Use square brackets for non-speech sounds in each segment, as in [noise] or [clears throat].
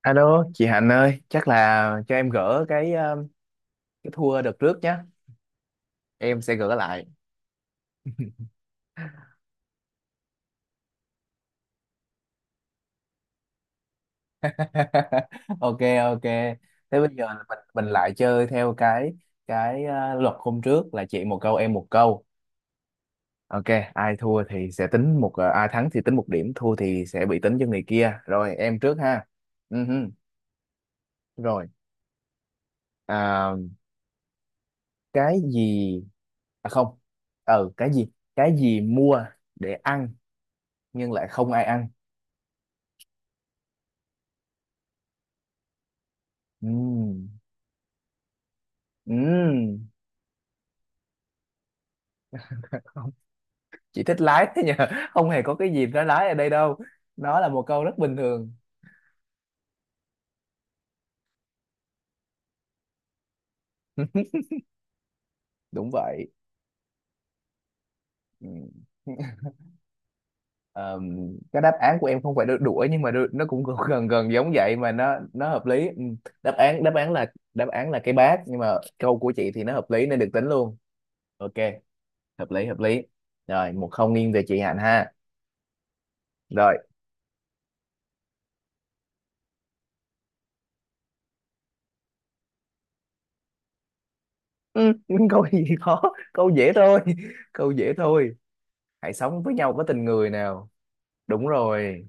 Alo, chị Hạnh ơi, chắc là cho em gỡ cái thua đợt trước nhé. Em sẽ gỡ lại. [laughs] Ok, ok. Thế bây giờ mình lại chơi theo cái luật hôm trước là chị một câu em một câu. Ok, ai thua thì sẽ tính ai thắng thì tính một điểm, thua thì sẽ bị tính cho người kia. Rồi em trước ha. Ừ hừ. Rồi, à, cái gì, à không. Ừ, cái gì? Cái gì mua để ăn nhưng lại không ai ăn. Ừ. Ừm, không, chị thích lái thế nhờ, [laughs] không hề có cái gì nó lái ở đây đâu, nó là một câu rất bình thường. Đúng vậy. Ừm. [laughs] Ờm, cái đáp án của em không phải đuổi nhưng mà nó cũng gần gần gần giống vậy mà nó hợp lý. Đáp án là cái bát, nhưng mà câu của chị thì nó hợp lý nên được tính luôn. Ok, hợp lý hợp lý. Rồi, 1-0 nghiêng về chị Hạnh ha. Rồi. Ừm, [laughs] câu gì khó, câu dễ thôi, câu dễ thôi, hãy sống với nhau với tình người nào. Đúng rồi.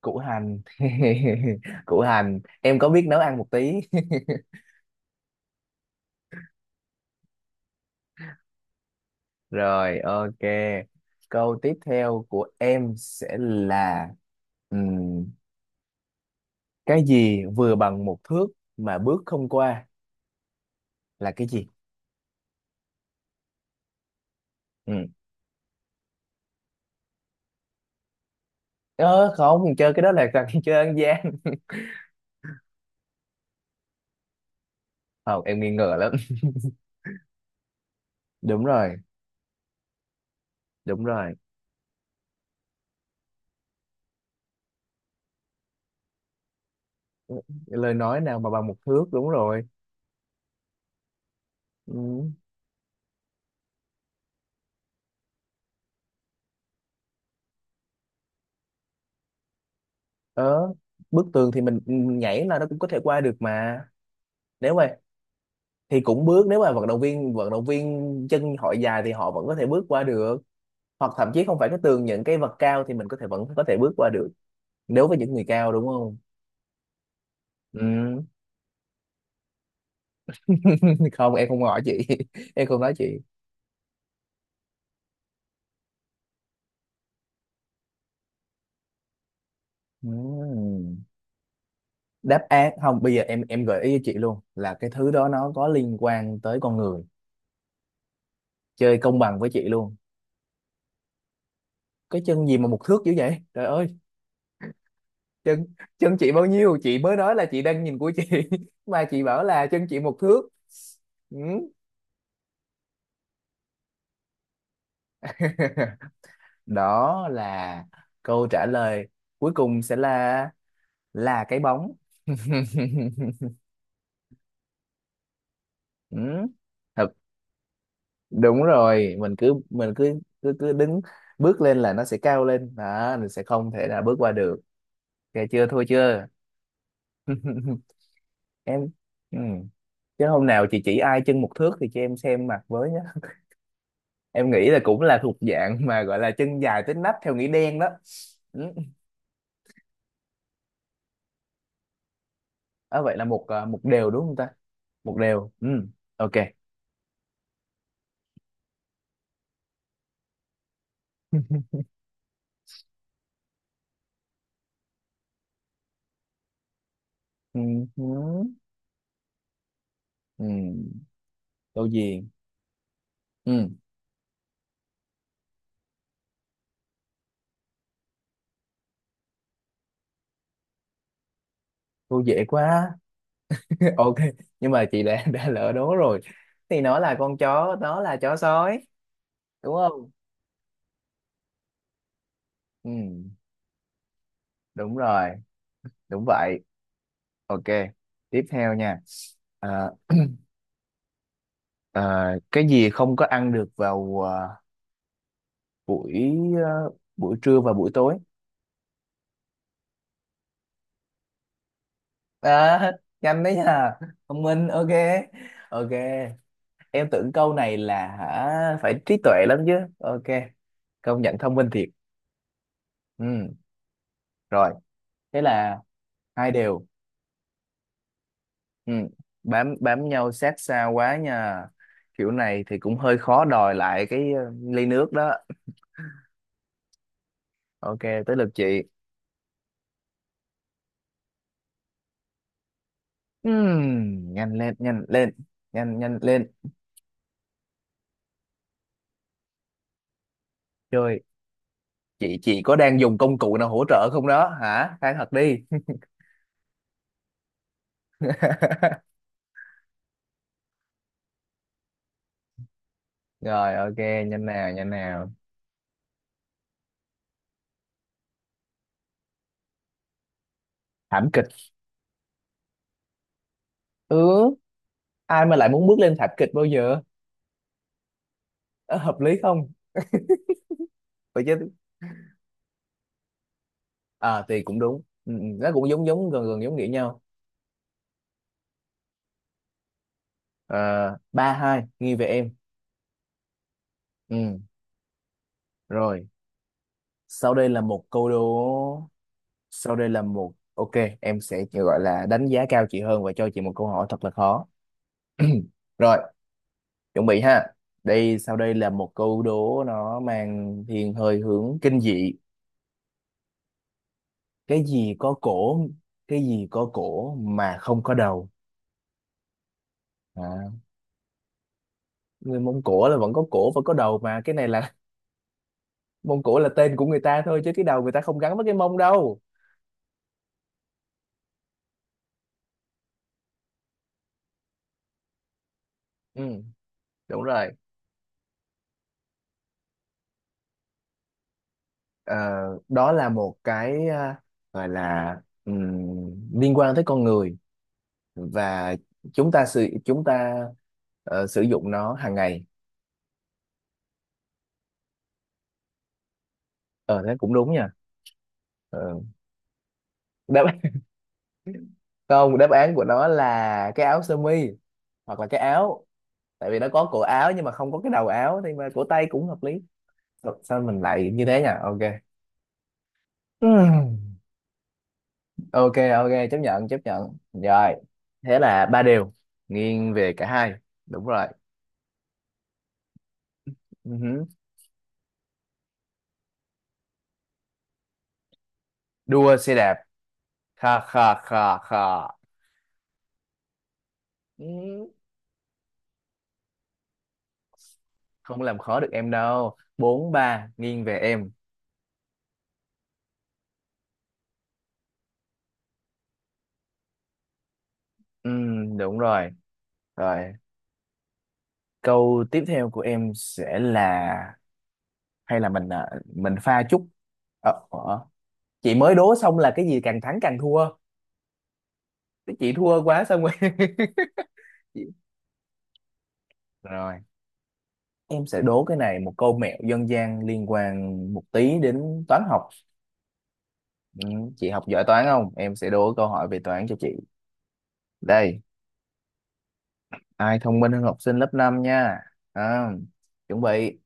Củ hành. [laughs] Củ hành, em có biết nấu ăn một tí. [laughs] Rồi ok. Câu tiếp theo của em sẽ là ừm, cái gì vừa bằng một thước mà bước không qua, là cái gì. Ừ. Ờ, không, chơi cái đó là thằng [laughs] chơi ăn gian. Không, em nghi ngờ lắm. [laughs] Đúng rồi, đúng rồi. Lời nói nào mà bằng một thước, đúng rồi. Ừ. Ờ, bức tường thì mình nhảy là nó cũng có thể qua được mà. Nếu mà thì cũng bước, nếu mà vận động viên chân họ dài thì họ vẫn có thể bước qua được, hoặc thậm chí không phải cái tường, những cái vật cao thì mình có thể vẫn có thể bước qua được nếu với những người cao, đúng không. Ừ. [laughs] Không, em không hỏi chị, [laughs] em không nói chị. Ừ. Đáp án không, bây giờ em gợi ý cho chị luôn là cái thứ đó nó có liên quan tới con người, chơi công bằng với chị luôn. Cái chân gì mà một thước dữ vậy trời ơi. Chân, chân chị bao nhiêu chị mới nói, là chị đang nhìn của chị, [laughs] mà chị bảo là chân chị một thước. Ừ. [laughs] Đó là câu trả lời, cuối cùng sẽ là cái bóng. [laughs] Ừ. Thật, đúng rồi, mình cứ cứ cứ đứng bước lên là nó sẽ cao lên đó, mình sẽ không thể nào bước qua được. Ok chưa, thôi chưa. [laughs] Em, ừ. Chứ hôm nào chị chỉ ai chân một thước thì cho em xem mặt với nhé. Em nghĩ là cũng là thuộc dạng mà gọi là chân dài tới nách theo nghĩa đen đó. Ừ. À, vậy là 1-1 đúng không ta. 1-1. Ừ. Ok. Ừ, ừ, ừ, tô diền. Ừ, cô dễ quá. [laughs] Ok. Nhưng mà chị đã [laughs] đã lỡ đố rồi thì nó là con chó, nó là chó sói, đúng không. Ừ, đúng rồi. Đúng vậy. Ok. Tiếp theo nha. À, [clears throat] à, cái gì không có ăn được vào buổi, à, buổi trưa và buổi tối. À, [laughs] nhanh đấy nha, thông minh. Ok, ok. Em tưởng câu này là hả, phải trí tuệ lắm chứ. Ok, công nhận thông minh thiệt. Ừ. Rồi. Thế là 2-2. Ừ. Bám bám nhau sát sao quá nha, kiểu này thì cũng hơi khó đòi lại cái ly nước đó. Ok. Tới lượt chị. Ừ. Nhanh lên nhanh lên, nhanh nhanh lên. Chơi. Chị có đang dùng công cụ nào hỗ trợ không đó hả, khai thật đi. [laughs] Rồi, ok, nhanh nào nhanh nào. Thảm kịch. Ừ, ai mà lại muốn bước lên thảm kịch bao giờ. Ờ, hợp lý không. Vậy chứ. À thì cũng đúng, ừ, ừ, nó cũng giống giống gần gần giống nghĩa nhau. À, 3-2 nghi về em. Ừ, rồi. Sau đây là một câu đố, sau đây là một, ok, em sẽ chỉ gọi là đánh giá cao chị hơn và cho chị một câu hỏi thật là khó. [clears throat] Rồi, chuẩn bị ha. Đây, sau đây là một câu đố, nó mang thiên hơi hướng kinh dị. Cái gì có cổ, cái gì có cổ mà không có đầu. À, người Mông Cổ là vẫn có cổ và có đầu mà, cái này là mông cổ là tên của người ta thôi chứ cái đầu người ta không gắn với cái mông đâu. Ừ, đúng rồi. Ờ, đó là một cái, à, gọi là ừm, liên quan tới con người, và chúng ta sử dụng nó hàng ngày. Ờ thế cũng đúng nha. Ờ, đáp, [laughs] không, đáp án của nó là cái áo sơ mi, hoặc là cái áo, tại vì nó có cổ áo nhưng mà không có cái đầu áo, thì mà cổ tay cũng hợp lý. Sao, sao mình lại như thế nhỉ, ok. Ừm. Ok, ok, chấp nhận rồi. Thế là 3-3, nghiêng về cả hai. Đúng rồi. Ừ hứ. Đua xe đạp, kha kha kha kha. Ừ, không làm khó được em đâu, 4-3 nghiêng về em. Ừ, đúng rồi. Rồi, câu tiếp theo của em sẽ là, hay là mình à, mình pha chút ờ, ờ. Chị mới đố xong là cái gì càng thắng càng thua. Cái chị thua quá xong rồi. [laughs] Rồi. Em sẽ đố cái này một câu mẹo dân gian liên quan một tí đến toán học. Ừ, chị học giỏi toán không? Em sẽ đố câu hỏi về toán cho chị. Đây, ai thông minh hơn học sinh lớp 5 nha. À, chuẩn bị.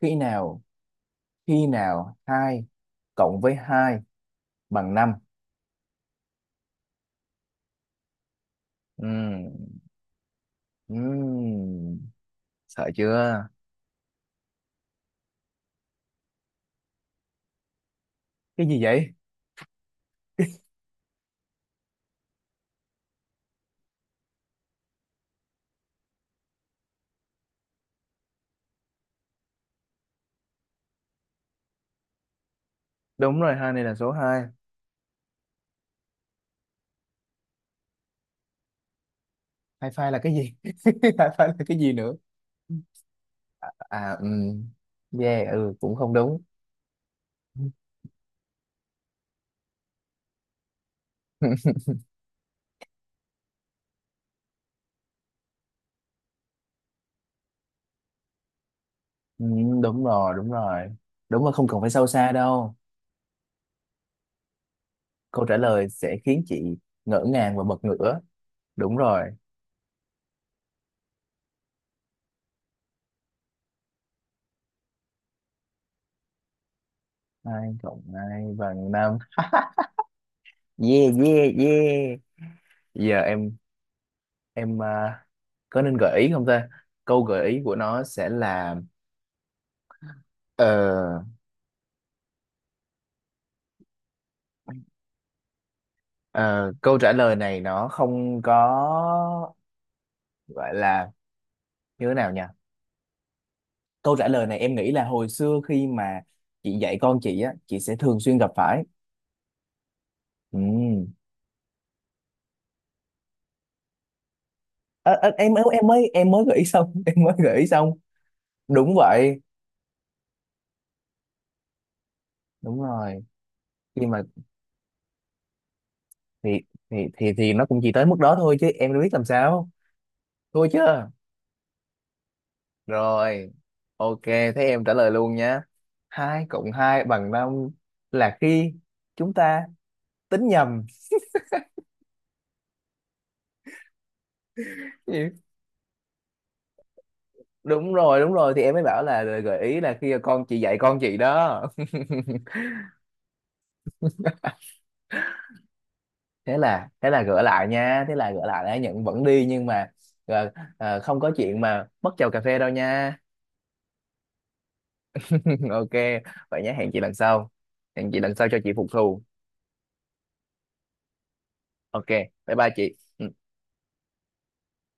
Khi nào, khi nào 2 cộng với 2 bằng 5. Ừ, ừ, sợ chưa? Cái gì vậy? Đúng rồi, 2 này là số 2. Hai phai là cái gì? [laughs] Hai phai là cái gì nữa? À, ừ, yeah, ừ, cũng không đúng. [laughs] Ừ, đúng rồi, đúng rồi. Đúng rồi, không cần phải sâu xa đâu. Câu trả lời sẽ khiến chị ngỡ ngàng và bật ngửa. Đúng rồi. 2 cộng 2 bằng 5. Yeah, yeah, yeah. Giờ em à, có nên gợi ý không ta? Câu gợi ý của nó sẽ là, ờ, ờ, câu trả lời này nó không có gọi là như thế nào nhỉ? Câu trả lời này em nghĩ là hồi xưa khi mà chị dạy con chị á, chị sẽ thường xuyên gặp phải. Ừ. Ờ, ờ, em mới gợi ý xong, [laughs] em mới gợi ý xong. Đúng vậy. Đúng rồi. Khi mà thì thì nó cũng chỉ tới mức đó thôi chứ em đâu biết làm sao, thôi chứ. Rồi, ok, thế em trả lời luôn nhé. Hai cộng hai bằng năm là khi chúng ta tính nhầm. [laughs] Gì? Đúng rồi đúng rồi, thì em mới bảo là gợi ý là khi con chị dạy con chị đó. [laughs] Thế là, thế là gỡ lại nha, thế là gỡ lại đã, nhận vẫn đi nhưng mà ờ, không có chuyện mà mất chầu cà phê đâu nha. [laughs] Ok vậy nhé, hẹn chị lần sau, hẹn chị lần sau cho chị phục thù. Ok, bye bye chị.